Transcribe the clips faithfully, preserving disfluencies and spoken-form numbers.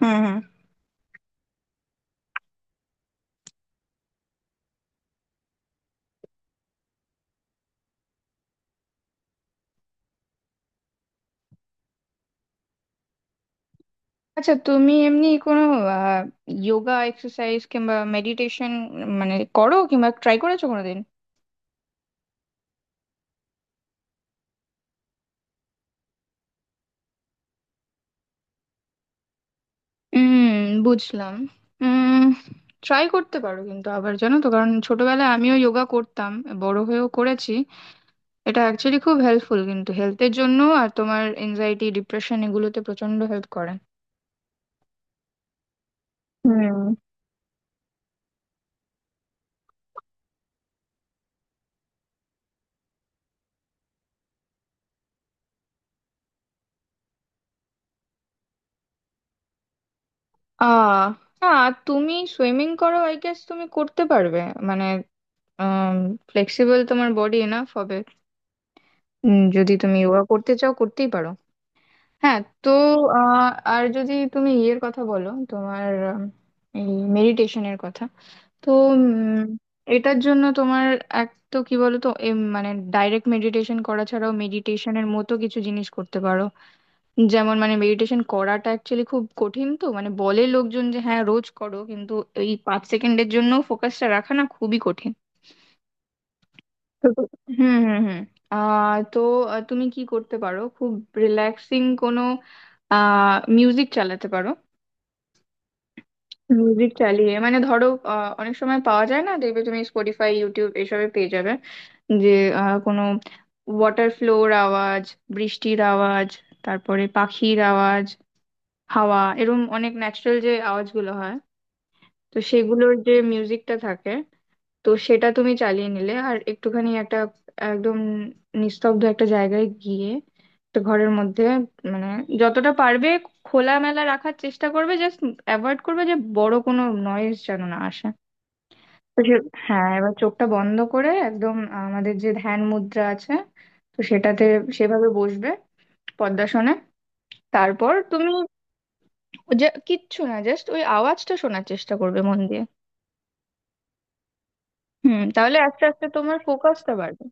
হুম হুম আচ্ছা, তুমি এমনি কোনো যোগা এক্সারসাইজ কিংবা মেডিটেশন মানে করো কিংবা ট্রাই করেছো কোনোদিন? হুম, বুঝলাম। হুম, ট্রাই করতে পারো, কিন্তু আবার জানো তো, কারণ ছোটবেলায় আমিও যোগা করতাম, বড় হয়েও করেছি। এটা অ্যাকচুয়ালি খুব হেল্পফুল কিন্তু হেলথের জন্য, আর তোমার এনজাইটি ডিপ্রেশন এগুলোতে প্রচন্ড হেল্প করে। হুম। আহ আর তুমি সুইমিং করো, আই গেস তুমি করতে পারবে, মানে ফ্লেক্সিবল তোমার বডি এনাফ হবে। উম, যদি তুমি যোগা করতে চাও করতেই পারো। হ্যাঁ, তো আহ, আর যদি তুমি ইয়ের কথা বলো, তোমার উম, এই মেডিটেশনের কথা, তো উম, এটার জন্য তোমার এক তো কি বলতো, এম, মানে ডাইরেক্ট মেডিটেশন করা ছাড়াও মেডিটেশনের মতো কিছু জিনিস করতে পারো। যেমন মানে মেডিটেশন করাটা অ্যাকচুয়ালি খুব কঠিন, তো মানে বলে লোকজন যে হ্যাঁ রোজ করো, কিন্তু এই পাঁচ সেকেন্ডের জন্য ফোকাসটা রাখা না, খুবই কঠিন। তো তো- হুম হুম হুম। আহ তো আহ, তুমি কি করতে পারো, খুব রিল্যাক্সিং কোনো আহ মিউজিক চালাতে পারো। মিউজিক চালিয়ে মানে ধরো, আহ, অনেক সময় পাওয়া যায় না, দেখবে তুমি স্পটিফাই ইউটিউব এসবে পেয়ে যাবে, যে আহ, কোনো ওয়াটার ফ্লোর আওয়াজ, বৃষ্টির আওয়াজ, তারপরে পাখির আওয়াজ, হাওয়া, এরম অনেক ন্যাচারাল যে আওয়াজগুলো হয়, তো সেগুলোর যে মিউজিকটা থাকে, তো সেটা তুমি চালিয়ে নিলে, আর একটুখানি একটা একদম নিস্তব্ধ একটা জায়গায় গিয়ে, একটা ঘরের মধ্যে, মানে যতটা পারবে খোলামেলা রাখার চেষ্টা করবে, জাস্ট অ্যাভয়েড করবে যে বড় কোনো নয়েজ যেন না আসে। তো সে- হ্যাঁ, এবার চোখটা বন্ধ করে একদম আমাদের যে ধ্যান মুদ্রা আছে, তো সেটাতে সেভাবে বসবে, পদ্মাসনে। তারপর তুমি, যে কিচ্ছু না, জাস্ট ওই আওয়াজটা শোনার চেষ্টা করবে মন দিয়ে। হুম, তাহলে আস্তে আস্তে তোমার ফোকাসটা বাড়বে।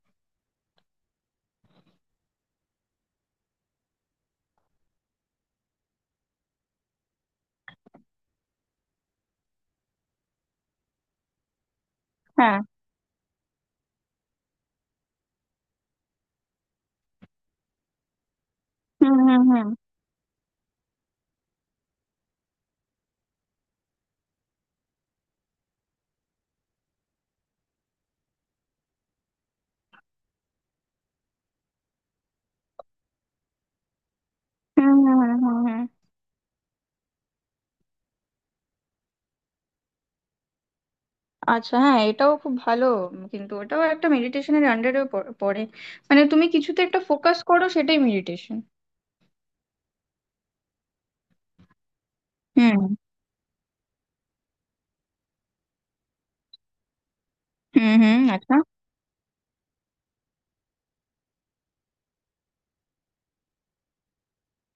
হ্যাঁ। হুম হুম হুম হুম হুম হুম হুম হুম। আচ্ছা, হ্যাঁ, এটাও খুব ভালো। উম, কিন্তু ওটাও একটা মেডিটেশনের আন্ডারে পড়ে, মানে তুমি কিছুতে একটা ফোকাস করো, সেটাই মেডিটেশন। হুম হুম হুম। আচ্ছা।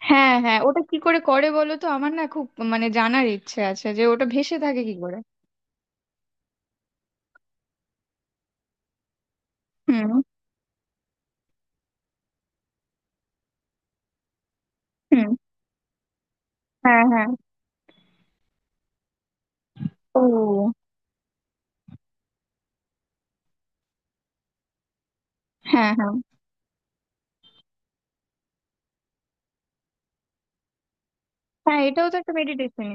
হ্যাঁ হ্যাঁ, ওটা কি করে করে বলো তো, আমার না খুব মানে জানার ইচ্ছে আছে যে ওটা ভেসে থাকে কি করে। হুম হুম। হ্যাঁ হ্যাঁ। ও। হ্যাঁ হ্যাঁ। হ্যাঁ, এটাও তো একটা মেডিটেশন।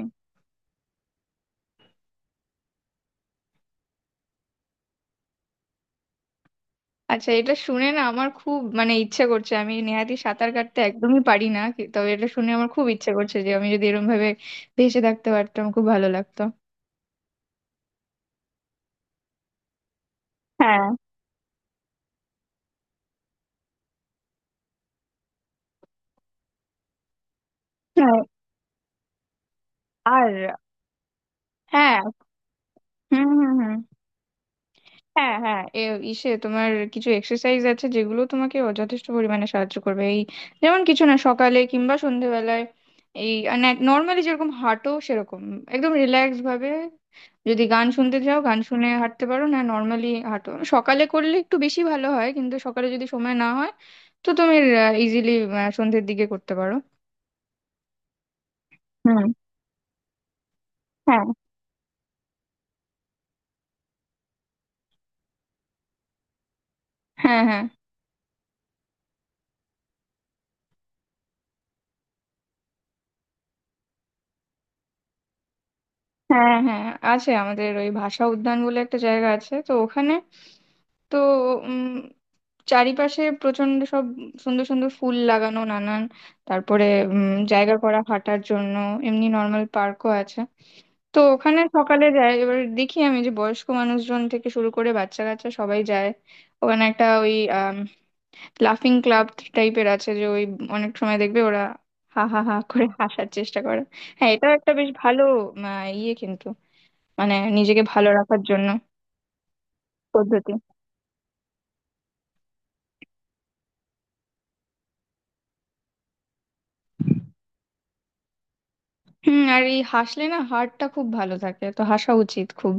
আচ্ছা, এটা শুনে না আমার খুব মানে ইচ্ছে করছে, আমি নেহাতি সাঁতার কাটতে একদমই পারি না কি- তবে এটা শুনে আমার খুব ইচ্ছে করছে যে আমি যদি এরকম ভাবে ভেসে থাকতে পারতাম, খুব ভালো লাগতো। হ্যাঁ। হ্যাঁ, আর হ্যাঁ। হুম হুম হুম। হ্যাঁ হ্যাঁ এ ইসে, তোমার কিছু এক্সারসাইজ আছে যেগুলো তোমাকে অ- যথেষ্ট পরিমাণে সাহায্য করবে। এই যেমন কিছু না, সকালে কিংবা সন্ধেবেলায় এই নর্মালি যেরকম হাঁটো সেরকম একদম রিল্যাক্স ভাবে, যদি গান শুনতে চাও গান শুনে হাঁটতে পারো না, নর্মালি হাঁটো। সকালে করলে একটু বেশি ভালো হয়, কিন্তু সকালে যদি সময় না হয় তো তুমি ইজিলি সন্ধ্যের দিকে করতে পারো। হুম। হ্যাঁ হ্যাঁ হ্যাঁ হ্যাঁ হ্যাঁ, আছে আমাদের ওই ভাষা উদ্যান বলে একটা জায়গা আছে, তো ওখানে, তো উম, চারিপাশে প্রচন্ড সব সুন্দর সুন্দর ফুল লাগানো, নানান, তারপরে উম, জায়গা করা হাঁটার জন্য, এমনি নর্মাল পার্কও আছে। তো ওখানে সকালে যাই, এবার দেখি আমি, যে বয়স্ক মানুষজন থেকে শুরু করে বাচ্চা কাচ্চা সবাই যায়। ওখানে একটা ওই লাফিং ক্লাব টাইপের আছে, যে ওই অনেক সময় দেখবে ওরা হা হা হা করে হাসার চেষ্টা করে। হ্যাঁ, এটাও একটা বেশ ভালো আহ, ইয়ে, কিন্তু মানে নিজেকে ভালো রাখার জন্য পদ্ধতি। হুম, আর এই হাসলে না হাড়টা খুব ভালো থাকে, তো হাসা উচিত খুব।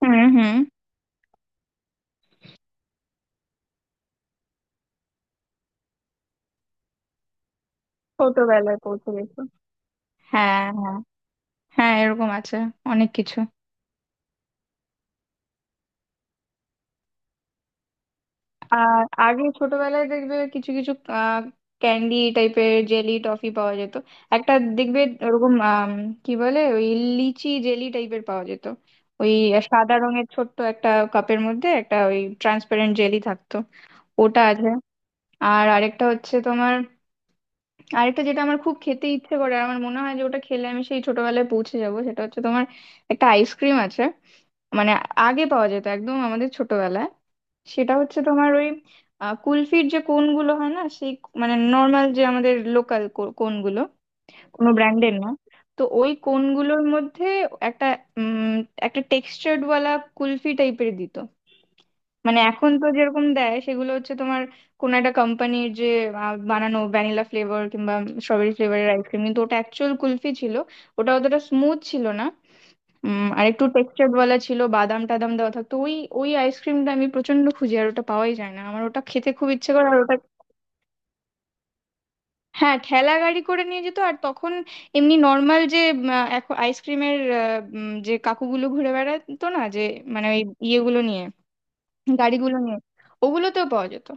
হুম হুম। ছোটবেলায় পৌঁছে গেছি? হ্যাঁ হ্যাঁ, হ্যাঁ এরকম আছে অনেক কিছু। আর আগে ছোটবেলায় দেখবে কিছু কিছু ক্যান্ডি টাইপের জেলি টফি পাওয়া যেত, একটা, দেখবে ওরকম আম, কি বলে ওই লিচি জেলি টাইপের পাওয়া যেত, ওই সাদা রঙের ছোট্ট একটা কাপের মধ্যে একটা ওই ট্রান্সপারেন্ট জেলি থাকতো, ওটা আছে। আর আরেকটা হচ্ছে তোমার, আরেকটা যেটা আমার খুব খেতে ইচ্ছে করে, আর আমার মনে হয় যে ওটা খেলে আমি সেই ছোটবেলায় পৌঁছে যাব, সেটা হচ্ছে তোমার একটা আইসক্রিম আছে, মানে আগে পাওয়া যেত একদম আমাদের ছোটবেলায়। সেটা হচ্ছে তোমার ওই আহ, কুলফির যে কোনগুলো হয় না সেই, মানে নর্মাল যে আমাদের লোকাল কোনগুলো, কোনো ব্র্যান্ডের না। তো ওই কোনগুলোর মধ্যে একটা উম, একটা টেক্সচার্ড ওয়ালা কুলফি টাইপের দিত। মানে এখন তো যেরকম দেয় সেগুলো হচ্ছে তোমার কোন একটা কোম্পানির যে আহ, বানানো ভ্যানিলা ফ্লেভার কিংবা স্ট্রবেরি ফ্লেভারের আইসক্রিম, কিন্তু ওটা অ্যাকচুয়াল কুলফি ছিল, ওটা অতটা স্মুথ ছিল না। উম, আর একটু টেক্সচার বলা ছিল, বাদাম টাদাম দেওয়া থাকতো ওই, ওই আইসক্রিমটা আমি প্রচন্ড খুঁজি আর ওটা পাওয়াই যায় না, আমার ওটা খেতে খুব ইচ্ছে করে আর ওটা, হ্যাঁ ঠেলা গাড়ি করে নিয়ে যেত আর তখন এমনি নর্মাল যে এখন আইসক্রিমের যে কাকুগুলো ঘুরে বেড়াতো না, যে মানে ওই ইয়েগুলো নিয়ে গাড়িগুলো নিয়ে, ওগুলোতেও পাওয়া যেত।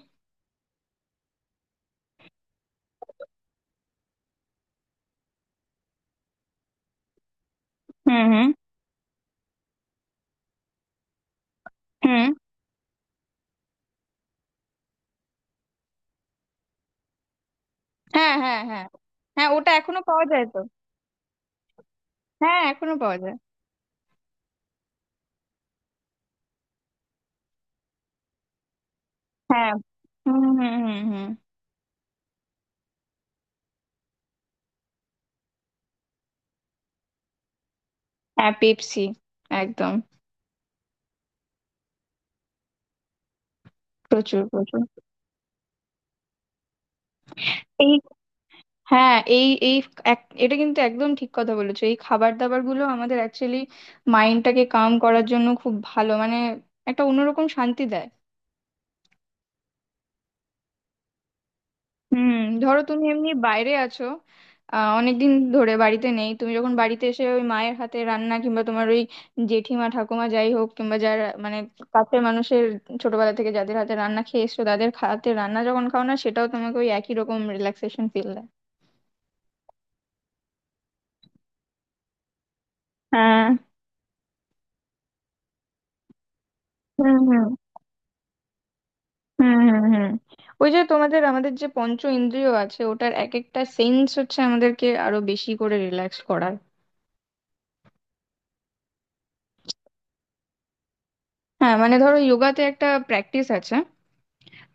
হুম হুম হুম। হ্যাঁ হ্যাঁ হ্যাঁ হ্যাঁ, ওটা এখনো পাওয়া যায় তো। হ্যাঁ এখনো পাওয়া যায়। হ্যাঁ। হুম হুম হুম হুম। হ্যাঁ পেপসি, একদম। প্রচুর প্রচুর। এই হ্যাঁ এই এই এক- এটা কিন্তু একদম ঠিক কথা বলেছো, এই খাবার দাবার গুলো আমাদের অ্যাকচুয়ালি মাইন্ডটাকে কাম করার জন্য খুব ভালো, মানে একটা অন্যরকম শান্তি দেয়। হুম, ধরো তুমি এমনি বাইরে আছো, আহ অনেকদিন ধরে বাড়িতে নেই, তুমি যখন বাড়িতে এসে ওই মায়ের হাতে রান্না কিংবা তোমার ওই জেঠিমা ঠাকুমা যাই হোক কিংবা যারা মানে কাছের মানুষের, ছোটবেলা থেকে যাদের হাতে রান্না খেয়ে এসছো, তাদের হাতে রান্না যখন খাও না, সেটাও তোমাকে ওই একই রকম রিল্যাক্সেশন ফিল দেয়। হ্যাঁ। হুম হুম হুম হুম হুম। ওই যে তোমাদের আমাদের যে পঞ্চ ইন্দ্রিয় আছে, ওটার এক একটা সেন্স হচ্ছে আমাদেরকে আরো বেশি করে রিল্যাক্স করায়। হ্যাঁ মানে ধরো যোগাতে একটা প্র্যাকটিস আছে,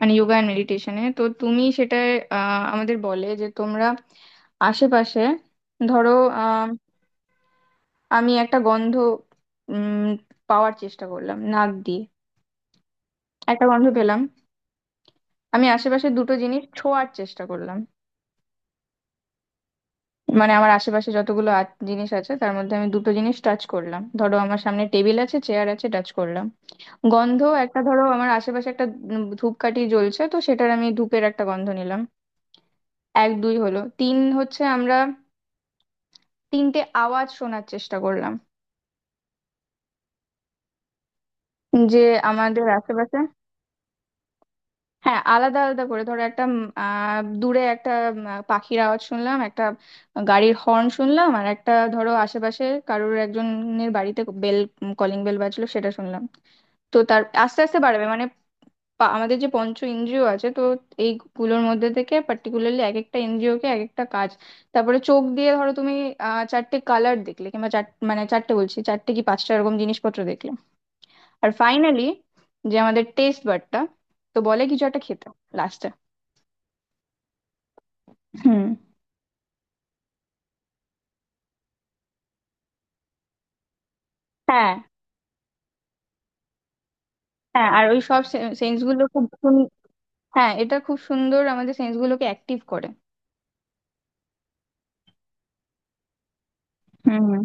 মানে যোগা অ্যান্ড মেডিটেশনে তো তুমি সেটা, আহ, আমাদের বলে যে তোমরা আশেপাশে, ধরো আহ, আমি একটা গন্ধ উম, পাওয়ার চেষ্টা করলাম নাক দিয়ে, একটা গন্ধ পেলাম। আমি আশেপাশে দুটো জিনিস ছোঁয়ার চেষ্টা করলাম, মানে আমার আশেপাশে যতগুলো আ- জিনিস আছে তার মধ্যে আমি দুটো জিনিস টাচ করলাম, ধরো আমার সামনে টেবিল আছে চেয়ার আছে টাচ করলাম। গন্ধ একটা, ধরো আমার আশেপাশে একটা উম ধূপকাঠি জ্বলছে, তো সেটার আমি ধূপের একটা গন্ধ নিলাম। এক দুই হলো, তিন হচ্ছে আমরা তিনটে আওয়াজ শোনার চেষ্টা করলাম, যে আমাদের আশেপাশে। হ্যাঁ, আলাদা আলাদা করে, ধরো একটা উম, আহ দূরে একটা উম, আহ, পাখির আওয়াজ শুনলাম, একটা গাড়ির হর্ন শুনলাম, আর একটা ধরো আশেপাশে কারোর একজনের বাড়িতে বেল, কলিং বেল বাজলো সেটা শুনলাম। তো তার আস্তে আস্তে বাড়বে মানে, পা- আমাদের যে পঞ্চ ইন্দ্রিয় আছে, তো এইগুলোর মধ্যে থেকে পার্টিকুলারলি এক একটা ইন্দ্রিয়কে এক একটা কাজ। তারপরে চোখ দিয়ে ধরো তুমি আহ চারটে কালার দেখলে কিংবা চার, মানে চারটে বলছি, চারটে কি পাঁচটা এরকম জিনিসপত্র দেখলে। আর ফাইনালি, যে আমাদের টেস্ট বারটা, তো বলে কিছু একটা খেতে লাস্টে। হুম। হ্যাঁ হ্যাঁ, আর ওই সব সেন্স গুলো খুব সুন- হ্যাঁ এটা খুব সুন্দর আমাদের সেন্স গুলোকে অ্যাক্টিভ করে। হুম হুম।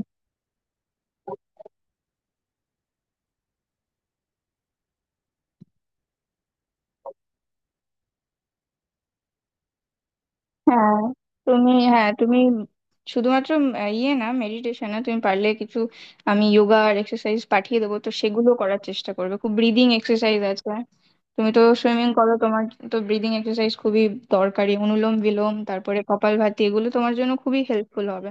হ্যাঁ তুমি, হ্যাঁ তুমি শুধুমাত্র উম, আহ, ইয়ে না, মেডিটেশন না, তুমি পারলে কিছু, আমি যোগা আর এক্সারসাইজ পাঠিয়ে দেবো, তো সেগুলো করার চেষ্টা করবে খুব। ব্রিদিং এক্সারসাইজ আছে, তুমি তো সুইমিং করো তোমার তো ব্রিদিং এক্সারসাইজ খুবই দরকারি, অনুলোম বিলোম তারপরে কপালভাতি, এগুলো তোমার জন্য খুবই হেল্পফুল হবে।